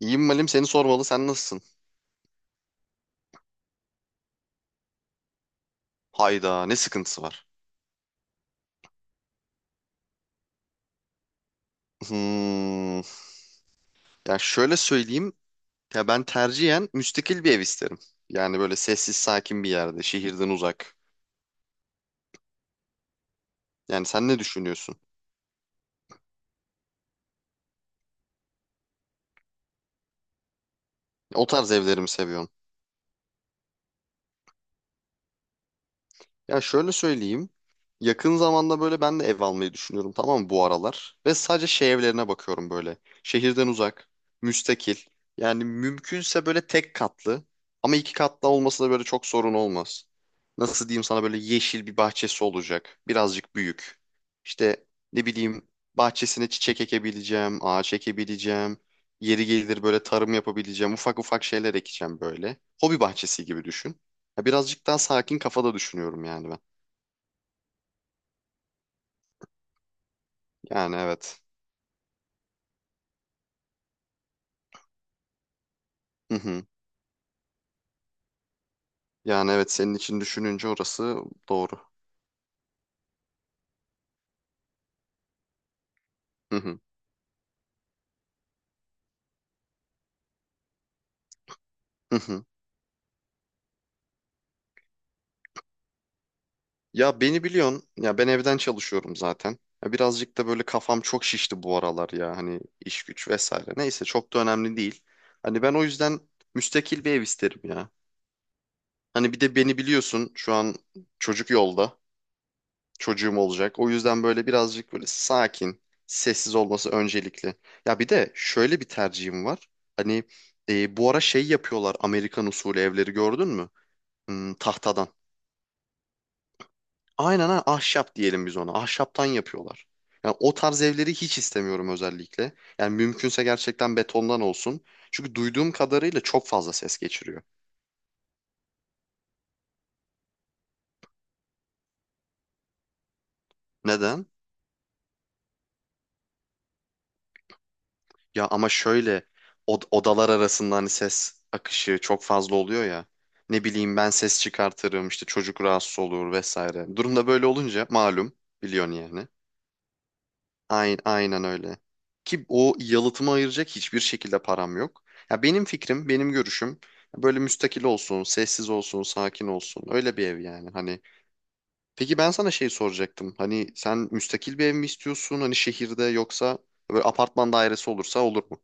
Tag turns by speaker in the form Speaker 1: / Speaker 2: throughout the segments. Speaker 1: İyiyim Malim, seni sormalı, sen nasılsın? Hayda, ne sıkıntısı var? Hmm. Ya şöyle söyleyeyim. Ya ben tercihen müstakil bir ev isterim. Yani böyle sessiz sakin bir yerde, şehirden uzak. Yani sen ne düşünüyorsun? O tarz evleri mi seviyorsun? Ya şöyle söyleyeyim. Yakın zamanda böyle ben de ev almayı düşünüyorum, tamam mı, bu aralar. Ve sadece şey evlerine bakıyorum böyle. Şehirden uzak, müstakil. Yani mümkünse böyle tek katlı. Ama iki katlı olması da böyle çok sorun olmaz. Nasıl diyeyim sana, böyle yeşil bir bahçesi olacak. Birazcık büyük. İşte ne bileyim, bahçesine çiçek ekebileceğim, ağaç ekebileceğim. Yeri gelir böyle tarım yapabileceğim. Ufak ufak şeyler ekeceğim böyle. Hobi bahçesi gibi düşün. Ya birazcık daha sakin kafada düşünüyorum yani ben. Yani evet. Hı hı. Yani evet, senin için düşününce orası doğru. Hı hı. Hı hı. Ya beni biliyorsun. Ya ben evden çalışıyorum zaten. Ya birazcık da böyle kafam çok şişti bu aralar ya. Hani iş güç vesaire. Neyse, çok da önemli değil. Hani ben o yüzden müstakil bir ev isterim ya. Hani bir de beni biliyorsun, şu an çocuk yolda. Çocuğum olacak. O yüzden böyle birazcık böyle sakin, sessiz olması öncelikli. Ya bir de şöyle bir tercihim var. Hani bu ara şey yapıyorlar, Amerikan usulü evleri gördün mü? Hmm, tahtadan. Aynen, ha ahşap diyelim biz ona. Ahşaptan yapıyorlar. Yani o tarz evleri hiç istemiyorum özellikle. Yani mümkünse gerçekten betondan olsun. Çünkü duyduğum kadarıyla çok fazla ses geçiriyor. Neden? Ya ama şöyle, odalar arasında hani ses akışı çok fazla oluyor ya. Ne bileyim, ben ses çıkartırım işte, çocuk rahatsız olur vesaire. Durumda böyle olunca malum biliyorsun yani. Aynen, aynen öyle. Ki o yalıtımı ayıracak hiçbir şekilde param yok. Ya benim fikrim, benim görüşüm böyle müstakil olsun, sessiz olsun, sakin olsun. Öyle bir ev yani hani. Peki ben sana şey soracaktım. Hani sen müstakil bir ev mi istiyorsun? Hani şehirde, yoksa böyle apartman dairesi olursa olur mu?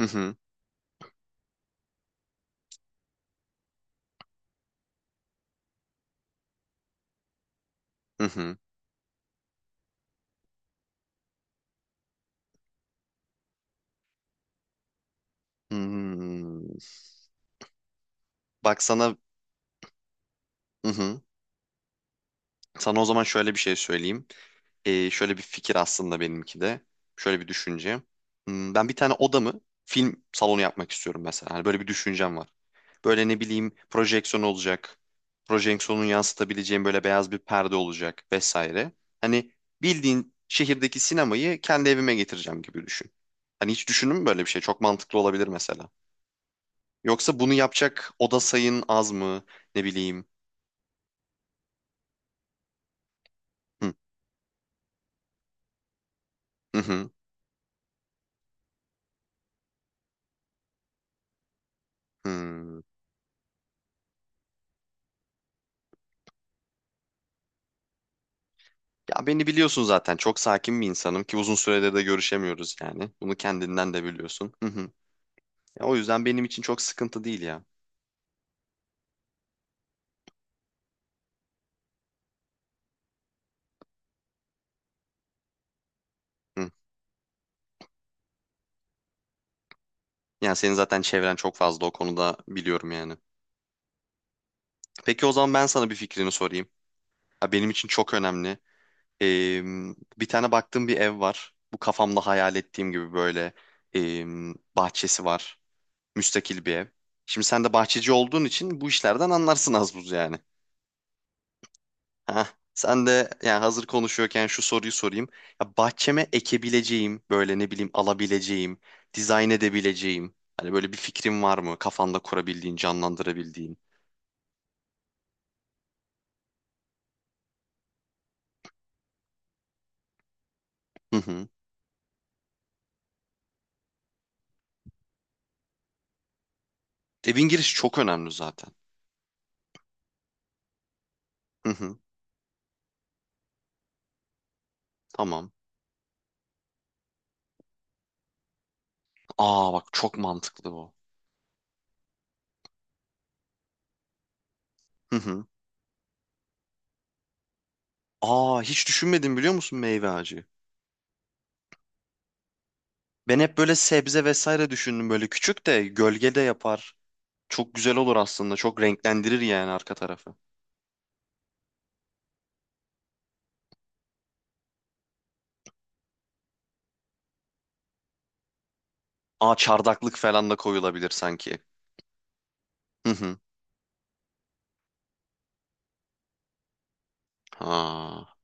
Speaker 1: Hı hı. Hı hı. Hmm. Bak sana. Hı hı. Sana o zaman şöyle bir şey söyleyeyim. Şöyle bir fikir aslında benimki de. Şöyle bir düşünce. Hmm, ben bir tane odamı film salonu yapmak istiyorum mesela. Hani böyle bir düşüncem var. Böyle ne bileyim, projeksiyon olacak. Projeksiyonun yansıtabileceğim böyle beyaz bir perde olacak vesaire. Hani bildiğin şehirdeki sinemayı kendi evime getireceğim gibi düşün. Hani hiç düşündün mü böyle bir şey? Çok mantıklı olabilir mesela. Yoksa bunu yapacak oda sayın az mı? Ne bileyim. Hı hı. Hı. Hmm. Ya beni biliyorsun zaten. Çok sakin bir insanım, ki uzun süredir de görüşemiyoruz yani. Bunu kendinden de biliyorsun. Hı hı. Ya o yüzden benim için çok sıkıntı değil ya. Hı. Yani senin zaten çevren çok fazla o konuda, biliyorum yani. Peki o zaman ben sana bir fikrini sorayım. Ya benim için çok önemli. Ee, bir tane baktığım bir ev var. Bu kafamda hayal ettiğim gibi böyle ee, bahçesi var. Müstakil bir ev. Şimdi sen de bahçeci olduğun için bu işlerden anlarsın az buz yani. Heh, sen de yani hazır konuşuyorken şu soruyu sorayım. Ya bahçeme ekebileceğim, böyle ne bileyim alabileceğim, dizayn edebileceğim. Hani böyle bir fikrin var mı? Kafanda kurabildiğin, canlandırabildiğin. Hı hı. Evin girişi çok önemli zaten. Hı hı. Tamam. Aa bak, çok mantıklı bu. Hı hı. Aa, hiç düşünmedim biliyor musun, meyve ağacı? Ben hep böyle sebze vesaire düşündüm, böyle küçük de gölgede yapar. Çok güzel olur aslında. Çok renklendirir yani arka tarafı. Aa, çardaklık falan da koyulabilir sanki. Hı hı. Ha.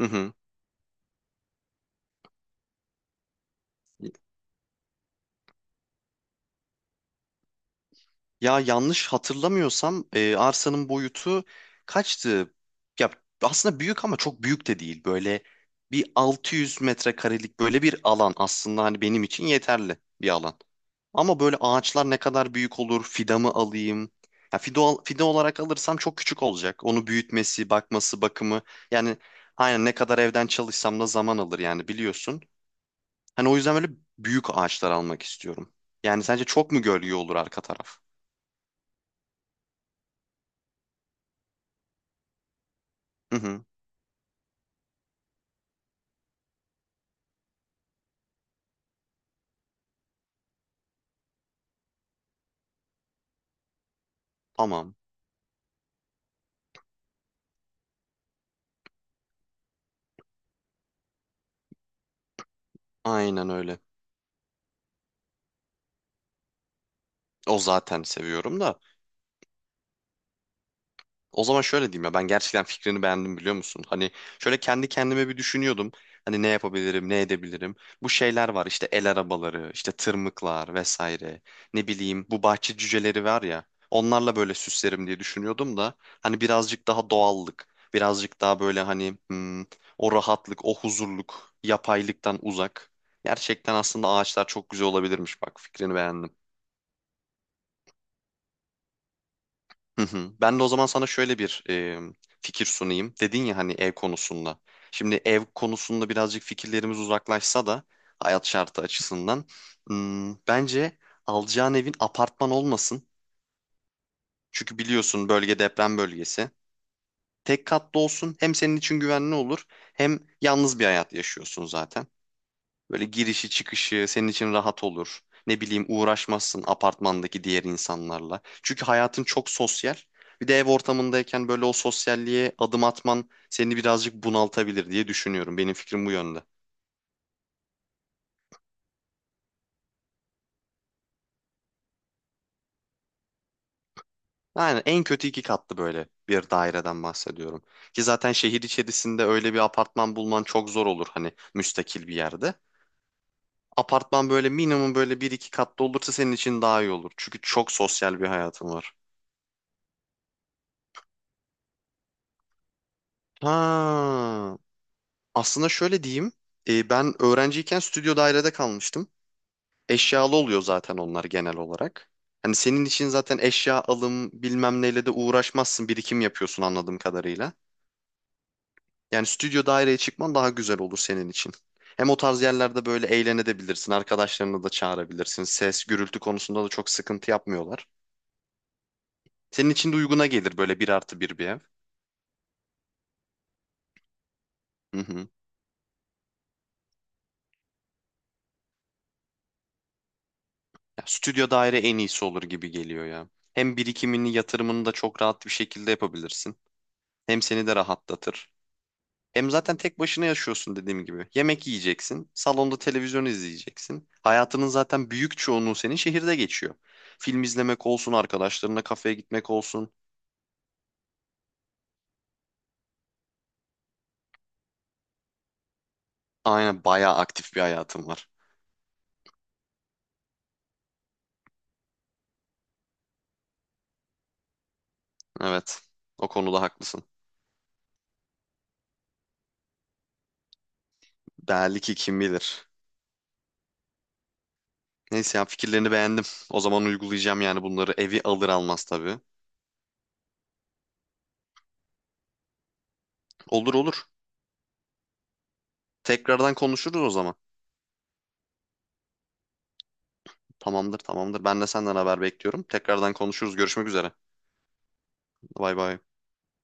Speaker 1: Hı hı. Ya yanlış hatırlamıyorsam arsanın boyutu kaçtı? Ya aslında büyük ama çok büyük de değil. Böyle bir 600 metrekarelik böyle bir alan, aslında hani benim için yeterli bir alan. Ama böyle ağaçlar ne kadar büyük olur? Fidanı alayım. Ya fide olarak alırsam çok küçük olacak. Onu büyütmesi, bakması, bakımı. Yani aynen, ne kadar evden çalışsam da zaman alır yani biliyorsun. Hani o yüzden böyle büyük ağaçlar almak istiyorum. Yani sence çok mu gölge olur arka taraf? Hı hı, tamam. Aynen öyle. O zaten seviyorum da. O zaman şöyle diyeyim, ya ben gerçekten fikrini beğendim, biliyor musun? Hani şöyle kendi kendime bir düşünüyordum. Hani ne yapabilirim, ne edebilirim? Bu şeyler var işte, el arabaları, işte tırmıklar vesaire. Ne bileyim, bu bahçe cüceleri var ya. Onlarla böyle süslerim diye düşünüyordum da hani birazcık daha doğallık, birazcık daha böyle hani, hmm, o rahatlık, o huzurluk, yapaylıktan uzak. Gerçekten aslında ağaçlar çok güzel olabilirmiş, bak fikrini beğendim. Hı hı. Ben de o zaman sana şöyle bir fikir sunayım. Dedin ya hani ev konusunda. Şimdi ev konusunda birazcık fikirlerimiz uzaklaşsa da, hayat şartı açısından, hmm, bence alacağın evin apartman olmasın. Çünkü biliyorsun, bölge deprem bölgesi. Tek katlı olsun, hem senin için güvenli olur, hem yalnız bir hayat yaşıyorsun zaten. Böyle girişi çıkışı senin için rahat olur. Ne bileyim, uğraşmazsın apartmandaki diğer insanlarla. Çünkü hayatın çok sosyal. Bir de ev ortamındayken böyle o sosyalliğe adım atman seni birazcık bunaltabilir diye düşünüyorum. Benim fikrim bu yönde. Yani en kötü iki katlı, böyle bir daireden bahsediyorum. Ki zaten şehir içerisinde öyle bir apartman bulman çok zor olur hani müstakil bir yerde. Apartman böyle minimum böyle bir iki katlı olursa senin için daha iyi olur. Çünkü çok sosyal bir hayatın var. Ha. Aslında şöyle diyeyim. Ben öğrenciyken stüdyo dairede kalmıştım. Eşyalı oluyor zaten onlar genel olarak. Hani senin için zaten eşya alım bilmem neyle de uğraşmazsın. Birikim yapıyorsun anladığım kadarıyla. Yani stüdyo daireye çıkman daha güzel olur senin için. Hem o tarz yerlerde böyle eğlenebilirsin. Arkadaşlarını da çağırabilirsin. Ses, gürültü konusunda da çok sıkıntı yapmıyorlar. Senin için de uyguna gelir böyle bir artı bir bir ev. Hı hı. Ya, stüdyo daire en iyisi olur gibi geliyor ya. Hem birikimini, yatırımını da çok rahat bir şekilde yapabilirsin. Hem seni de rahatlatır. Hem zaten tek başına yaşıyorsun dediğim gibi. Yemek yiyeceksin, salonda televizyon izleyeceksin. Hayatının zaten büyük çoğunluğu senin şehirde geçiyor. Film izlemek olsun, arkadaşlarına kafeye gitmek olsun. Aynen, bayağı aktif bir hayatım var. Evet, o konuda haklısın. Belki kim bilir. Neyse, ya fikirlerini beğendim. O zaman uygulayacağım yani bunları evi alır almaz tabii. Olur olur. Tekrardan konuşuruz o zaman. Tamamdır tamamdır. Ben de senden haber bekliyorum. Tekrardan konuşuruz. Görüşmek üzere. Bay bay.